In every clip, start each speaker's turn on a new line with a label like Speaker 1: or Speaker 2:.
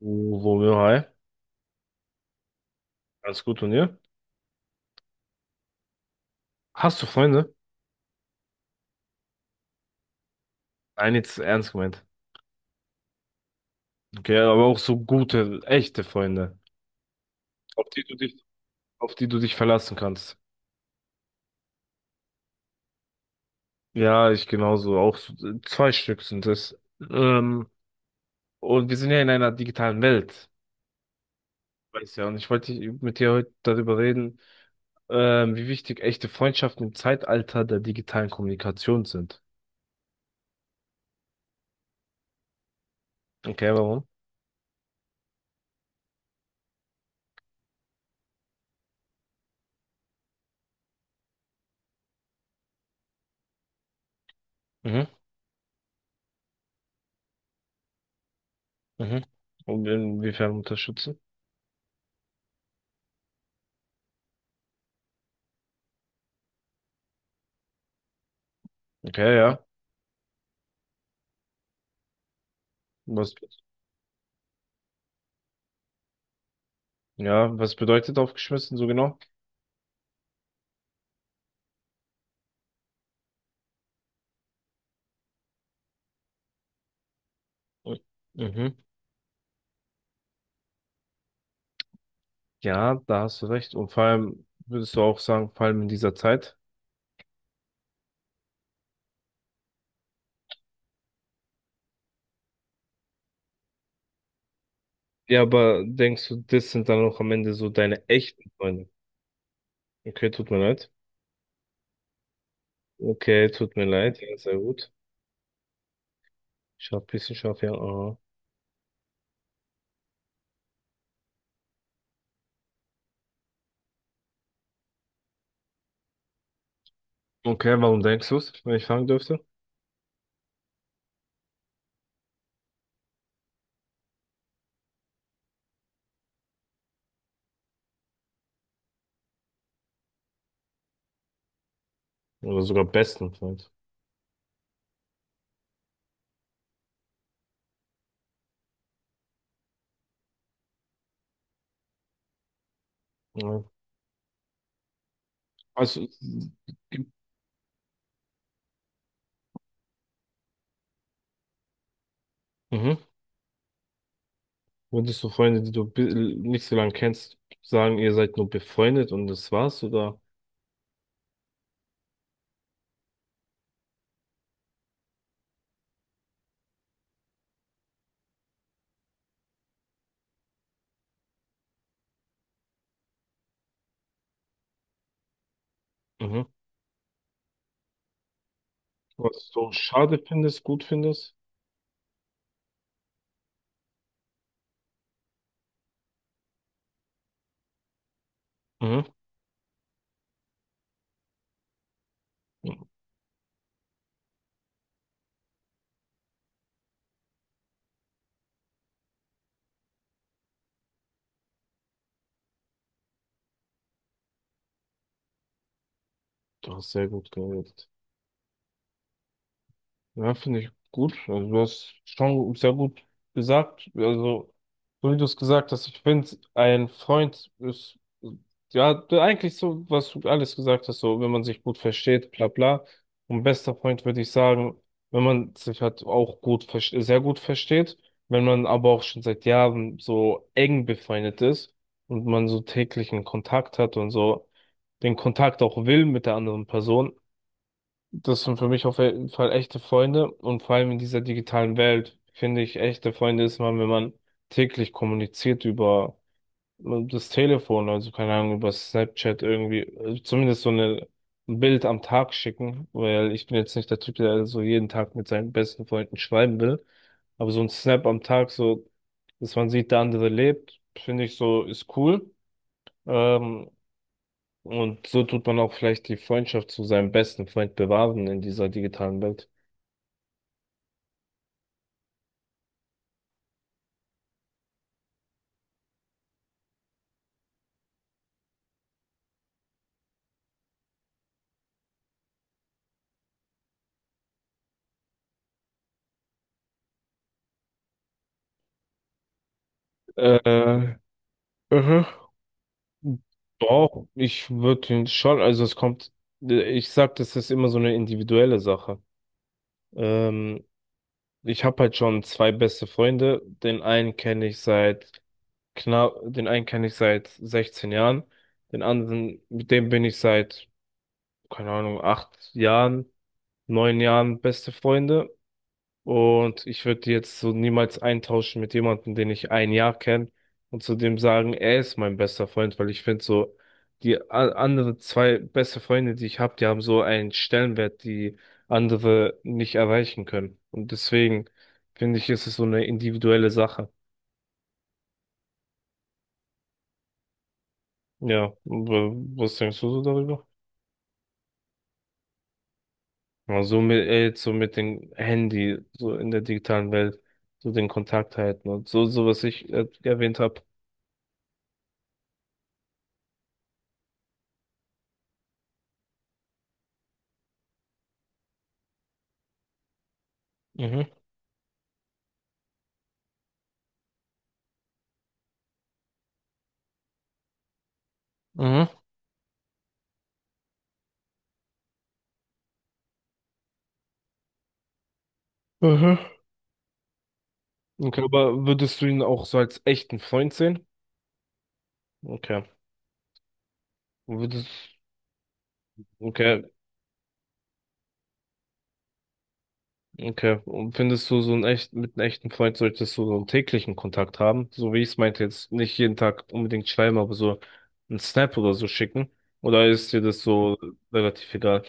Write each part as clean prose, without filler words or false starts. Speaker 1: So, ja, hi. Alles gut und ihr? Hast du Freunde? Nein, jetzt ernst gemeint. Okay, aber auch so gute, echte Freunde, auf die du dich, auf die du dich verlassen kannst. Ja, ich genauso. Auch zwei Stück sind es. Ähm, und wir sind ja in einer digitalen Welt. Weiß ja, und ich wollte mit dir heute darüber reden, wie wichtig echte Freundschaften im Zeitalter der digitalen Kommunikation sind. Okay, warum? Mhm, mhm. Und inwiefern unterstützen? Okay, ja. Was? Ja, was bedeutet aufgeschmissen so genau? Mhm. Mhm. Ja, da hast du recht. Und vor allem, würdest du auch sagen, vor allem in dieser Zeit? Ja, aber denkst du, das sind dann auch am Ende so deine echten Freunde? Okay, tut mir leid. Okay, tut mir leid. Ja, sehr gut. Scharf, bisschen scharf, ja. Aha. Okay, warum denkst du es, wenn ich fragen dürfte? Oder sogar besten Freund. Ja. Also, mhm. Würdest du Freunde, die du nicht so lange kennst, sagen, ihr seid nur befreundet und das war's, oder? Mhm. Was du schade findest, gut findest? Mhm. Ja, du hast sehr gut geredet. Ja, finde ich gut. Also du hast schon sehr gut gesagt. Also, so wie du es gesagt hast, ich finde, ein Freund ist, ja, eigentlich so, was du alles gesagt hast, so, wenn man sich gut versteht, bla bla. Und bester Freund würde ich sagen, wenn man sich halt auch gut, sehr gut versteht, wenn man aber auch schon seit Jahren so eng befreundet ist und man so täglichen Kontakt hat und so den Kontakt auch will mit der anderen Person. Das sind für mich auf jeden Fall echte Freunde und vor allem in dieser digitalen Welt finde ich, echte Freunde ist man, wenn man täglich kommuniziert über das Telefon, also keine Ahnung, über Snapchat irgendwie, also zumindest so eine, ein Bild am Tag schicken, weil ich bin jetzt nicht der Typ, der so jeden Tag mit seinen besten Freunden schreiben will, aber so ein Snap am Tag, so, dass man sieht, der andere lebt, finde ich so, ist cool. Ähm, und so tut man auch vielleicht die Freundschaft zu seinem besten Freund bewahren in dieser digitalen Welt. Äh, mhm. Doch, ich würde ihn schon, also es kommt, ich sag, das ist immer so eine individuelle Sache. Ähm, Ich habe halt schon zwei beste Freunde. Den einen kenne ich seit 16 Jahren. Den anderen, mit dem bin ich seit, keine Ahnung, 8 Jahren, 9 Jahren beste Freunde. Und ich würde die jetzt so niemals eintauschen mit jemandem, den ich ein Jahr kenne und zu dem sagen, er ist mein bester Freund, weil ich finde so, die anderen zwei beste Freunde, die ich habe, die haben so einen Stellenwert, die andere nicht erreichen können. Und deswegen finde ich, ist es so eine individuelle Sache. Ja, was denkst du so darüber? Ja, so mit, jetzt so mit dem Handy, so in der digitalen Welt, so den Kontakt halten und so, so was ich erwähnt habe. Mhm. Mhm. Mhm. Okay, aber würdest du ihn auch so als echten Freund sehen? Okay. Würdest, okay, okay. Und findest du so einen echt, mit einem echten Freund solltest du so einen täglichen Kontakt haben? So wie ich es meinte, jetzt nicht jeden Tag unbedingt schreiben, aber so einen Snap oder so schicken? Oder ist dir das so relativ egal?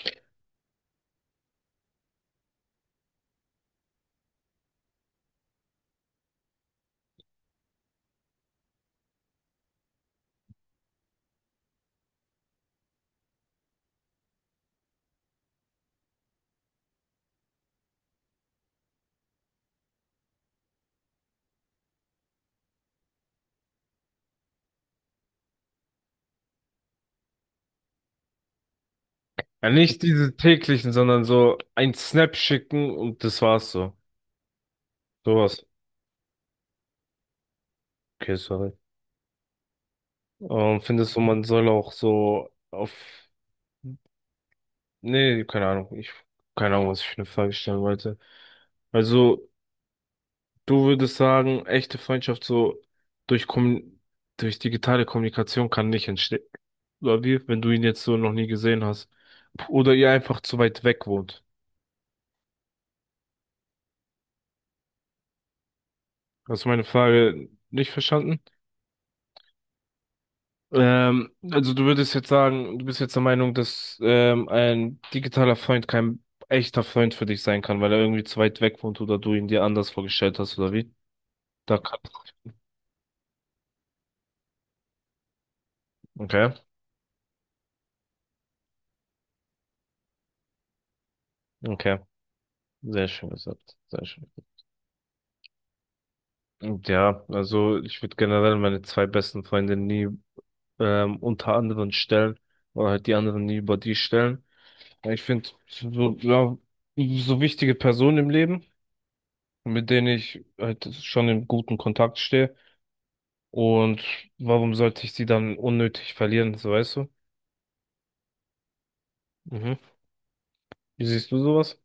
Speaker 1: Ja, nicht diese täglichen, sondern so ein Snap schicken und das war's so. Sowas. Okay, sorry. Findest du, man soll auch so auf nee, keine Ahnung. Ich, keine Ahnung, was ich für eine Frage stellen wollte. Also, du würdest sagen, echte Freundschaft so durch Kommun durch digitale Kommunikation kann nicht entstehen. Oder wie, wenn du ihn jetzt so noch nie gesehen hast. Oder ihr einfach zu weit weg wohnt. Hast du meine Frage nicht verstanden? Also du würdest jetzt sagen, du bist jetzt der Meinung, dass ein digitaler Freund kein echter Freund für dich sein kann, weil er irgendwie zu weit weg wohnt oder du ihn dir anders vorgestellt hast, oder wie? Da kann. Okay, okay. Sehr schön gesagt, sehr schön. Und ja, also ich würde generell meine zwei besten Freunde nie unter anderen stellen oder halt die anderen nie über die stellen. Ja, ich finde so, ja, so wichtige Personen im Leben, mit denen ich halt schon in guten Kontakt stehe. Und warum sollte ich sie dann unnötig verlieren, so weißt du? Mhm. Wie siehst du sowas?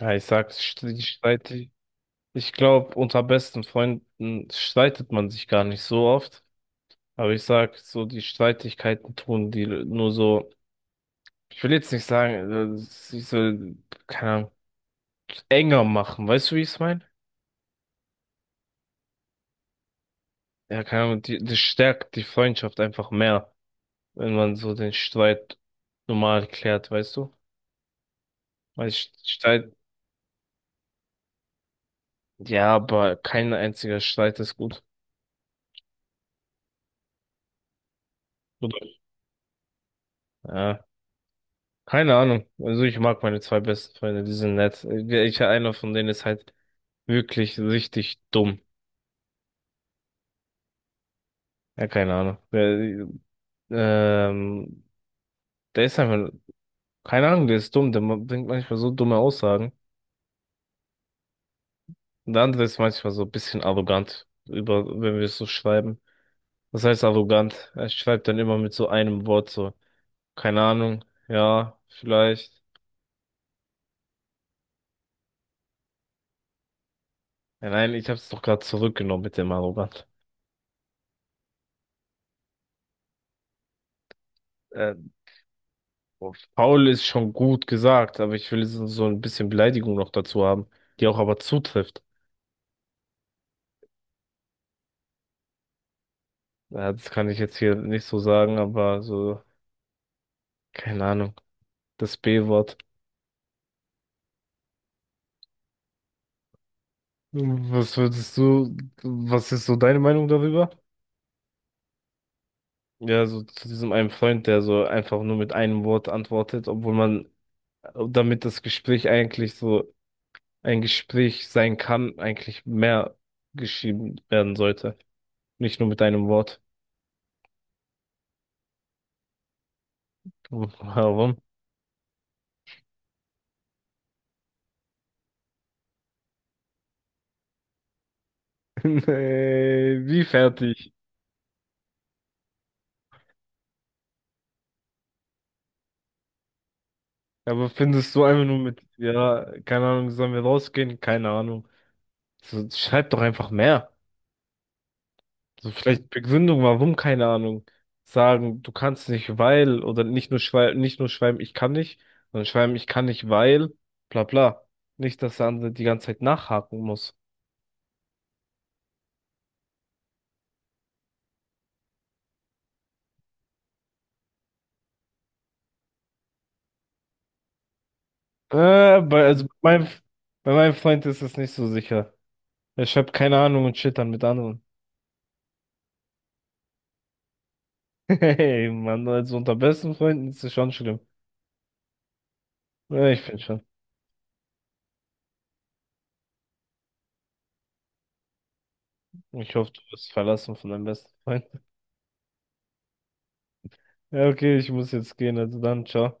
Speaker 1: Ja, ich sag, ich glaube, unter besten Freunden streitet man sich gar nicht so oft. Aber ich sag, so die Streitigkeiten tun die nur so, ich will jetzt nicht sagen, sie so, keine Ahnung, enger machen, weißt du, wie ich es meine? Ja, keine Ahnung, die, das stärkt die Freundschaft einfach mehr, wenn man so den Streit normal klärt, weißt du? Weil Sch- Streit, ja, aber kein einziger Streit ist gut. Oder? Ja, keine Ahnung. Also ich mag meine zwei besten Freunde, die sind nett. Ich, einer von denen ist halt wirklich richtig dumm. Ja, keine Ahnung. Ähm, Der ist einfach, keine Ahnung, der ist dumm, der bringt manchmal so dumme Aussagen. Und der andere ist manchmal so ein bisschen arrogant, über, wenn wir es so schreiben. Was heißt arrogant? Er schreibt dann immer mit so einem Wort so, keine Ahnung, ja, vielleicht. Ja, nein, ich hab's doch gerade zurückgenommen mit dem arrogant. Äh, Faul ist schon gut gesagt, aber ich will so, so ein bisschen Beleidigung noch dazu haben, die auch aber zutrifft. Ja, das kann ich jetzt hier nicht so sagen, aber so, keine Ahnung, das B-Wort. Was würdest du, was ist so deine Meinung darüber? Ja, so zu diesem einen Freund, der so einfach nur mit einem Wort antwortet, obwohl man, damit das Gespräch eigentlich so ein Gespräch sein kann, eigentlich mehr geschrieben werden sollte. Nicht nur mit einem Wort. Warum? Nee, wie fertig? Aber findest du einfach nur mit, ja, keine Ahnung, sollen wir rausgehen? Keine Ahnung. So, schreib doch einfach mehr. So vielleicht Begründung, warum, keine Ahnung. Sagen, du kannst nicht, weil, oder nicht nur schreiben, nicht nur schreiben, ich kann nicht, sondern schreiben, ich kann nicht, weil, bla bla. Nicht, dass der andere die ganze Zeit nachhaken muss. Also bei meinem Freund ist es nicht so sicher. Er schreibt keine Ahnung und shit dann mit anderen. Hey, Mann, also unter besten Freunden ist es schon schlimm. Ja, ich finde schon. Ich hoffe, du wirst verlassen von deinem besten Freund. Ja, okay, ich muss jetzt gehen, also dann, ciao.